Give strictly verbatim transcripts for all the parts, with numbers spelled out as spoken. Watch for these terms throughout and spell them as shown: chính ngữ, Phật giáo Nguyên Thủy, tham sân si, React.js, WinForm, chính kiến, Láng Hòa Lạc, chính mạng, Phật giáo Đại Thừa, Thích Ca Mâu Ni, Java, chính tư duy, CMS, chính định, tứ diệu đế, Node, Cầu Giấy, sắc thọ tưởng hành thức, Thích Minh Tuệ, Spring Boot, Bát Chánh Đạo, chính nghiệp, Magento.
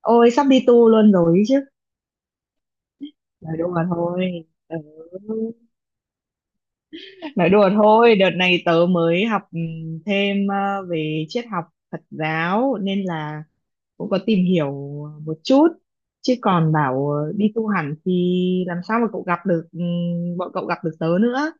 Ôi sắp đi tu luôn rồi ấy chứ. Nói đùa thôi. Ừ. Nói đùa thôi. Đợt này tớ mới học ừ, thêm ờ, về triết học Phật giáo. Nên là cũng có tìm hiểu một chút. Chứ còn bảo ờ, đi tu hẳn thì làm sao mà cậu gặp được ừ, Bọn cậu gặp được tớ nữa.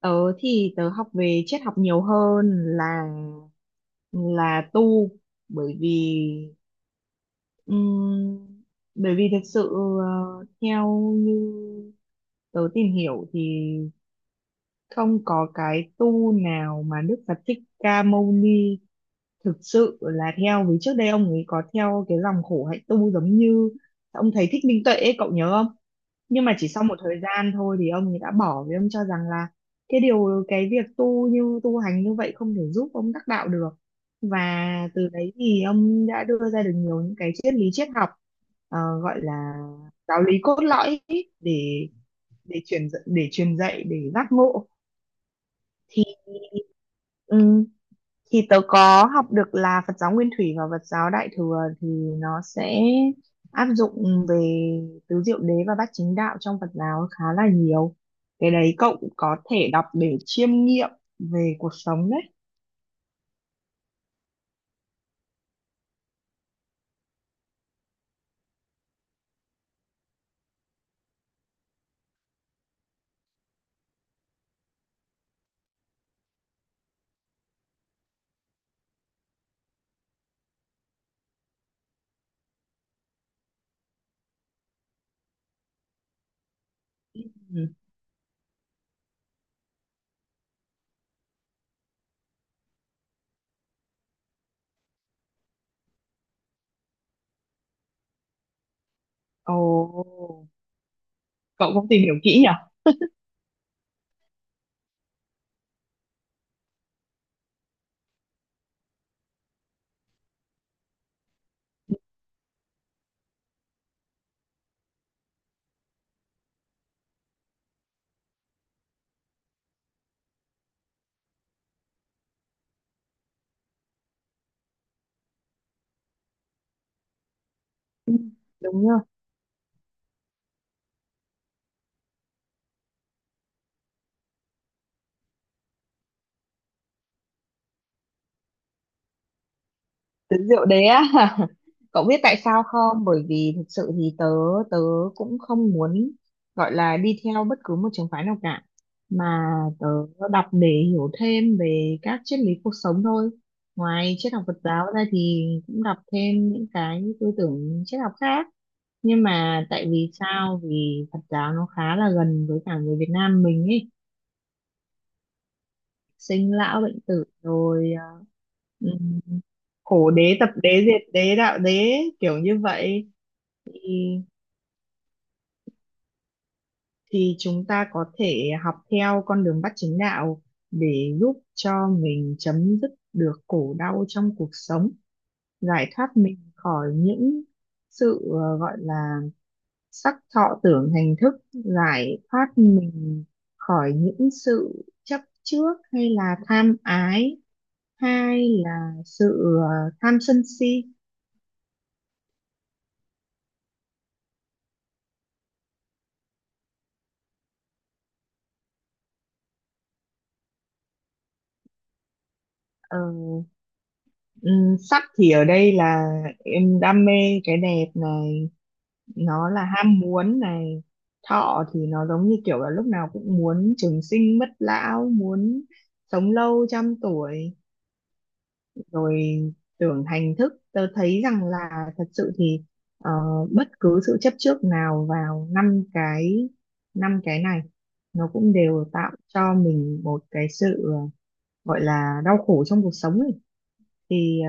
Tớ thì tớ học về triết học nhiều hơn là là tu. Bởi vì Ừm, bởi vì thực sự ờ, theo như tớ tìm hiểu thì không có cái tu nào mà Đức Phật Thích Ca Mâu Ni thực sự là theo, vì trước đây ông ấy có theo cái dòng khổ hạnh tu giống như ông thầy Thích Minh Tuệ ấy, cậu nhớ không? Nhưng mà chỉ sau một thời gian thôi thì ông ấy đã bỏ, vì ông cho rằng là cái điều cái việc tu như tu hành như vậy không thể giúp ông đắc đạo được. Và từ đấy thì ông đã đưa ra được nhiều những cái triết lý triết học, ờ, gọi là giáo lý cốt lõi ý, để để truyền dạy- để truyền dạy để giác ngộ. Ừ, thì tớ có học được là Phật giáo Nguyên Thủy và Phật giáo Đại Thừa thì nó sẽ áp dụng về tứ diệu đế và bát chính đạo trong Phật giáo khá là nhiều. Cái đấy cậu cũng có thể đọc để chiêm nghiệm về cuộc sống đấy. Ừ. Ồ, cậu cũng tìm hiểu kỹ nhỉ? Ừ, đúng rồi. Tớ rượu đế á. Cậu biết tại sao không? Bởi vì thực sự thì tớ tớ cũng không muốn gọi là đi theo bất cứ một trường phái nào cả, mà tớ đọc để hiểu thêm về các triết lý cuộc sống thôi. Ngoài triết học Phật giáo ra thì cũng đọc thêm những cái tư tưởng triết học khác, nhưng mà tại vì sao? Vì Phật giáo nó khá là gần với cả người Việt Nam mình ấy. Sinh lão bệnh tử rồi à, ừm, khổ đế tập đế diệt đế đạo đế kiểu như vậy, thì thì chúng ta có thể học theo con đường Bát Chánh Đạo để giúp cho mình chấm dứt được khổ đau trong cuộc sống, giải thoát mình khỏi những sự, ờ, gọi là sắc thọ tưởng hành thức, giải thoát mình khỏi những sự chấp trước hay là tham ái, hay là sự ờ, tham sân si. Ờ, ừm, Sắc thì ở đây là em đam mê cái đẹp này, nó là ham muốn này. Thọ thì nó giống như kiểu là lúc nào cũng muốn trường sinh bất lão, muốn sống lâu trăm tuổi. Rồi tưởng hành thức, tớ thấy rằng là thật sự thì ờ, bất cứ sự chấp trước nào vào năm cái năm cái này nó cũng đều tạo cho mình một cái sự, ờ, gọi là đau khổ trong cuộc sống ấy thì,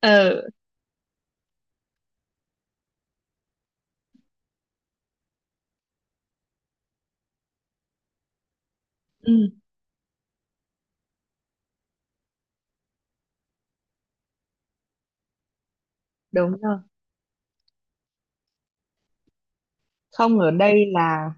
ờ ừ, đúng rồi. Không ở đây là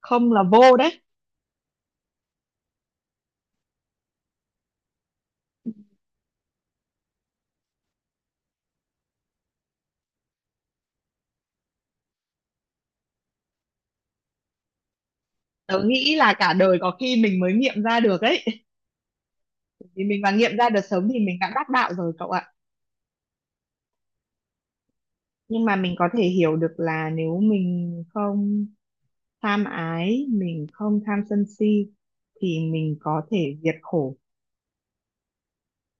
không là vô đấy. Tớ nghĩ là cả đời có khi mình mới nghiệm ra được ấy. Thì mình mà nghiệm ra được sớm thì mình đã đắc đạo rồi, cậu ạ. Nhưng mà mình có thể hiểu được là nếu mình không tham ái, mình không tham sân si thì mình có thể diệt khổ.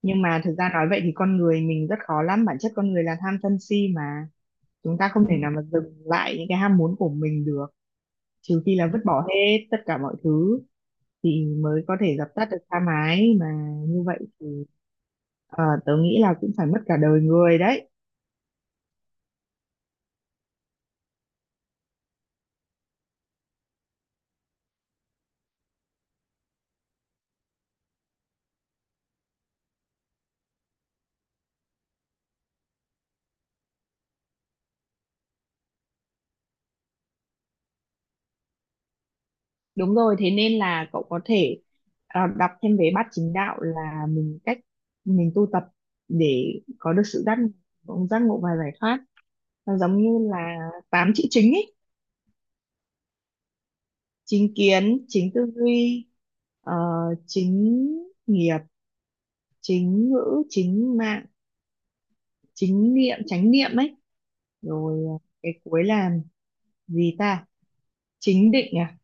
Nhưng mà thực ra nói vậy thì con người mình rất khó lắm, bản chất con người là tham sân si mà. Chúng ta không thể nào mà dừng lại những cái ham muốn của mình được, trừ khi là vứt bỏ hết tất cả mọi thứ thì mới có thể dập tắt được tha mái mà. Như vậy thì ờ, tớ nghĩ là cũng phải mất cả đời người đấy. Đúng rồi, thế nên là cậu có thể ờ, đọc thêm về bát chính đạo, là mình cách mình tu tập để có được sự giác ngộ- giác ngộ và giải thoát. Nó giống như là tám chữ chính ấy: chính kiến, chính tư duy, ờ, chính nghiệp, chính ngữ, chính mạng, chính niệm chánh niệm ấy, rồi à, cái cuối là gì ta, chính định à.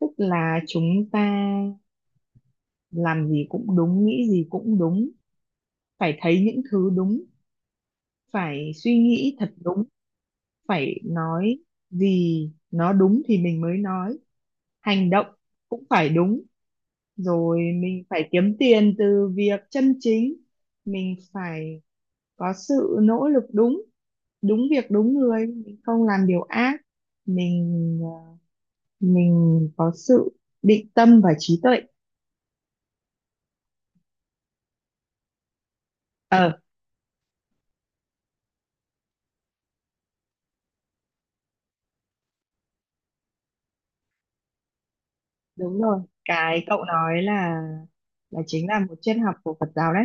Tức là chúng ta làm gì cũng đúng, nghĩ gì cũng đúng, phải thấy những thứ đúng, phải suy nghĩ thật đúng, phải nói gì nó đúng thì mình mới nói, hành động cũng phải đúng. Rồi mình phải kiếm tiền từ việc chân chính, mình phải có sự nỗ lực đúng, đúng việc đúng người, mình không làm điều ác, mình ờ, mình có sự định tâm và trí tuệ. Ờ, đúng rồi, cái cậu nói là là chính là một triết học của Phật giáo đấy.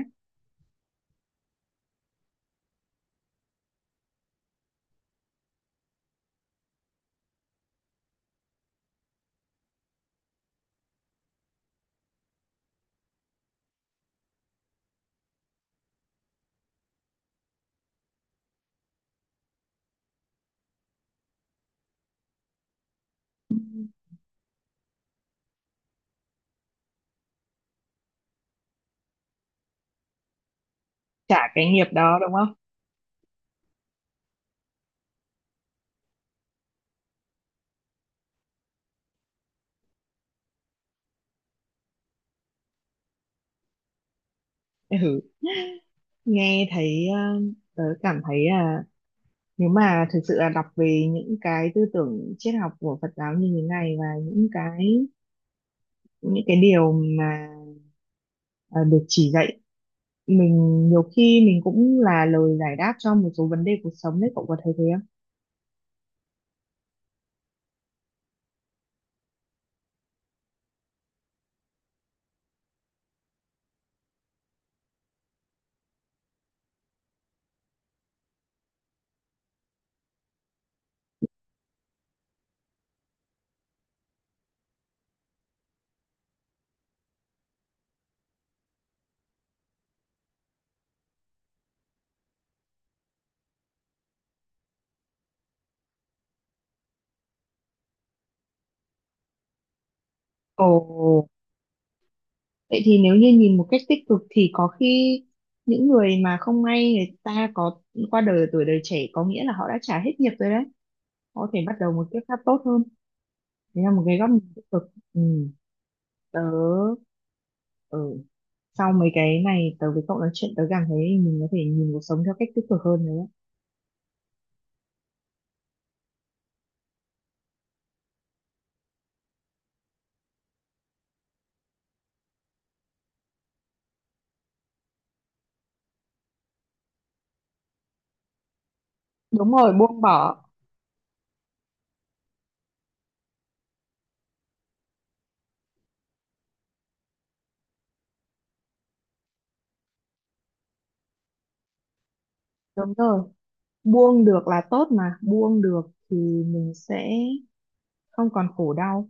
Trả cái nghiệp đó, đúng không? Ừ. Nghe thấy, ờ, tớ cảm thấy là nếu mà thực sự là đọc về những cái tư tưởng triết học của Phật giáo như thế này và những cái những cái điều mà ờ, được chỉ dạy mình, nhiều khi mình cũng là lời giải đáp cho một số vấn đề cuộc sống đấy, cậu có thấy thế không? Ồ, vậy thì nếu như nhìn một cách tích cực thì có khi những người mà không may, người ta có qua đời ở tuổi đời trẻ, có nghĩa là họ đã trả hết nghiệp rồi đấy. Họ có thể bắt đầu một kiếp khác tốt hơn. Đấy là một cái góc nhìn tích cực. Ừ. Tớ, ừ. Sau mấy cái này tớ với cậu nói chuyện, tớ cảm thấy mình có thể nhìn cuộc sống theo cách tích cực hơn đấy. Đúng rồi, buông bỏ. Đúng rồi. Buông được là tốt mà. Buông được thì mình sẽ không còn khổ đau.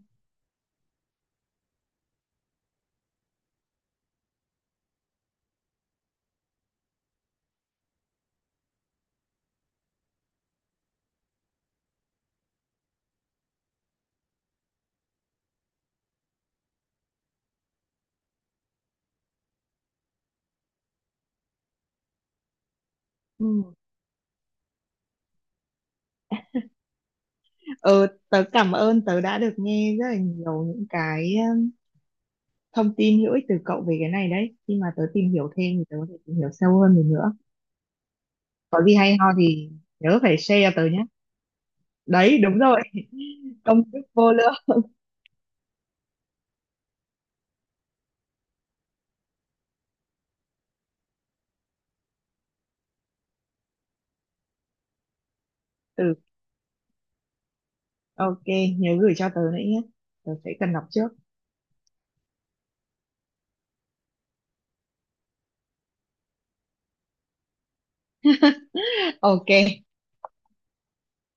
Ừ. Ờ, tớ cảm ơn, tớ đã được nghe rất là nhiều những cái um, thông tin hữu ích từ cậu về cái này đấy. Khi mà tớ tìm hiểu thêm thì tớ có thể tìm hiểu sâu hơn được nữa. Có gì hay ho thì nhớ phải share cho tớ nhé. Đấy, đúng rồi. Công thức vô lượng. Ừ, ok, nhớ gửi cho tớ nữa nhé. Tớ sẽ cần đọc trước. Ok.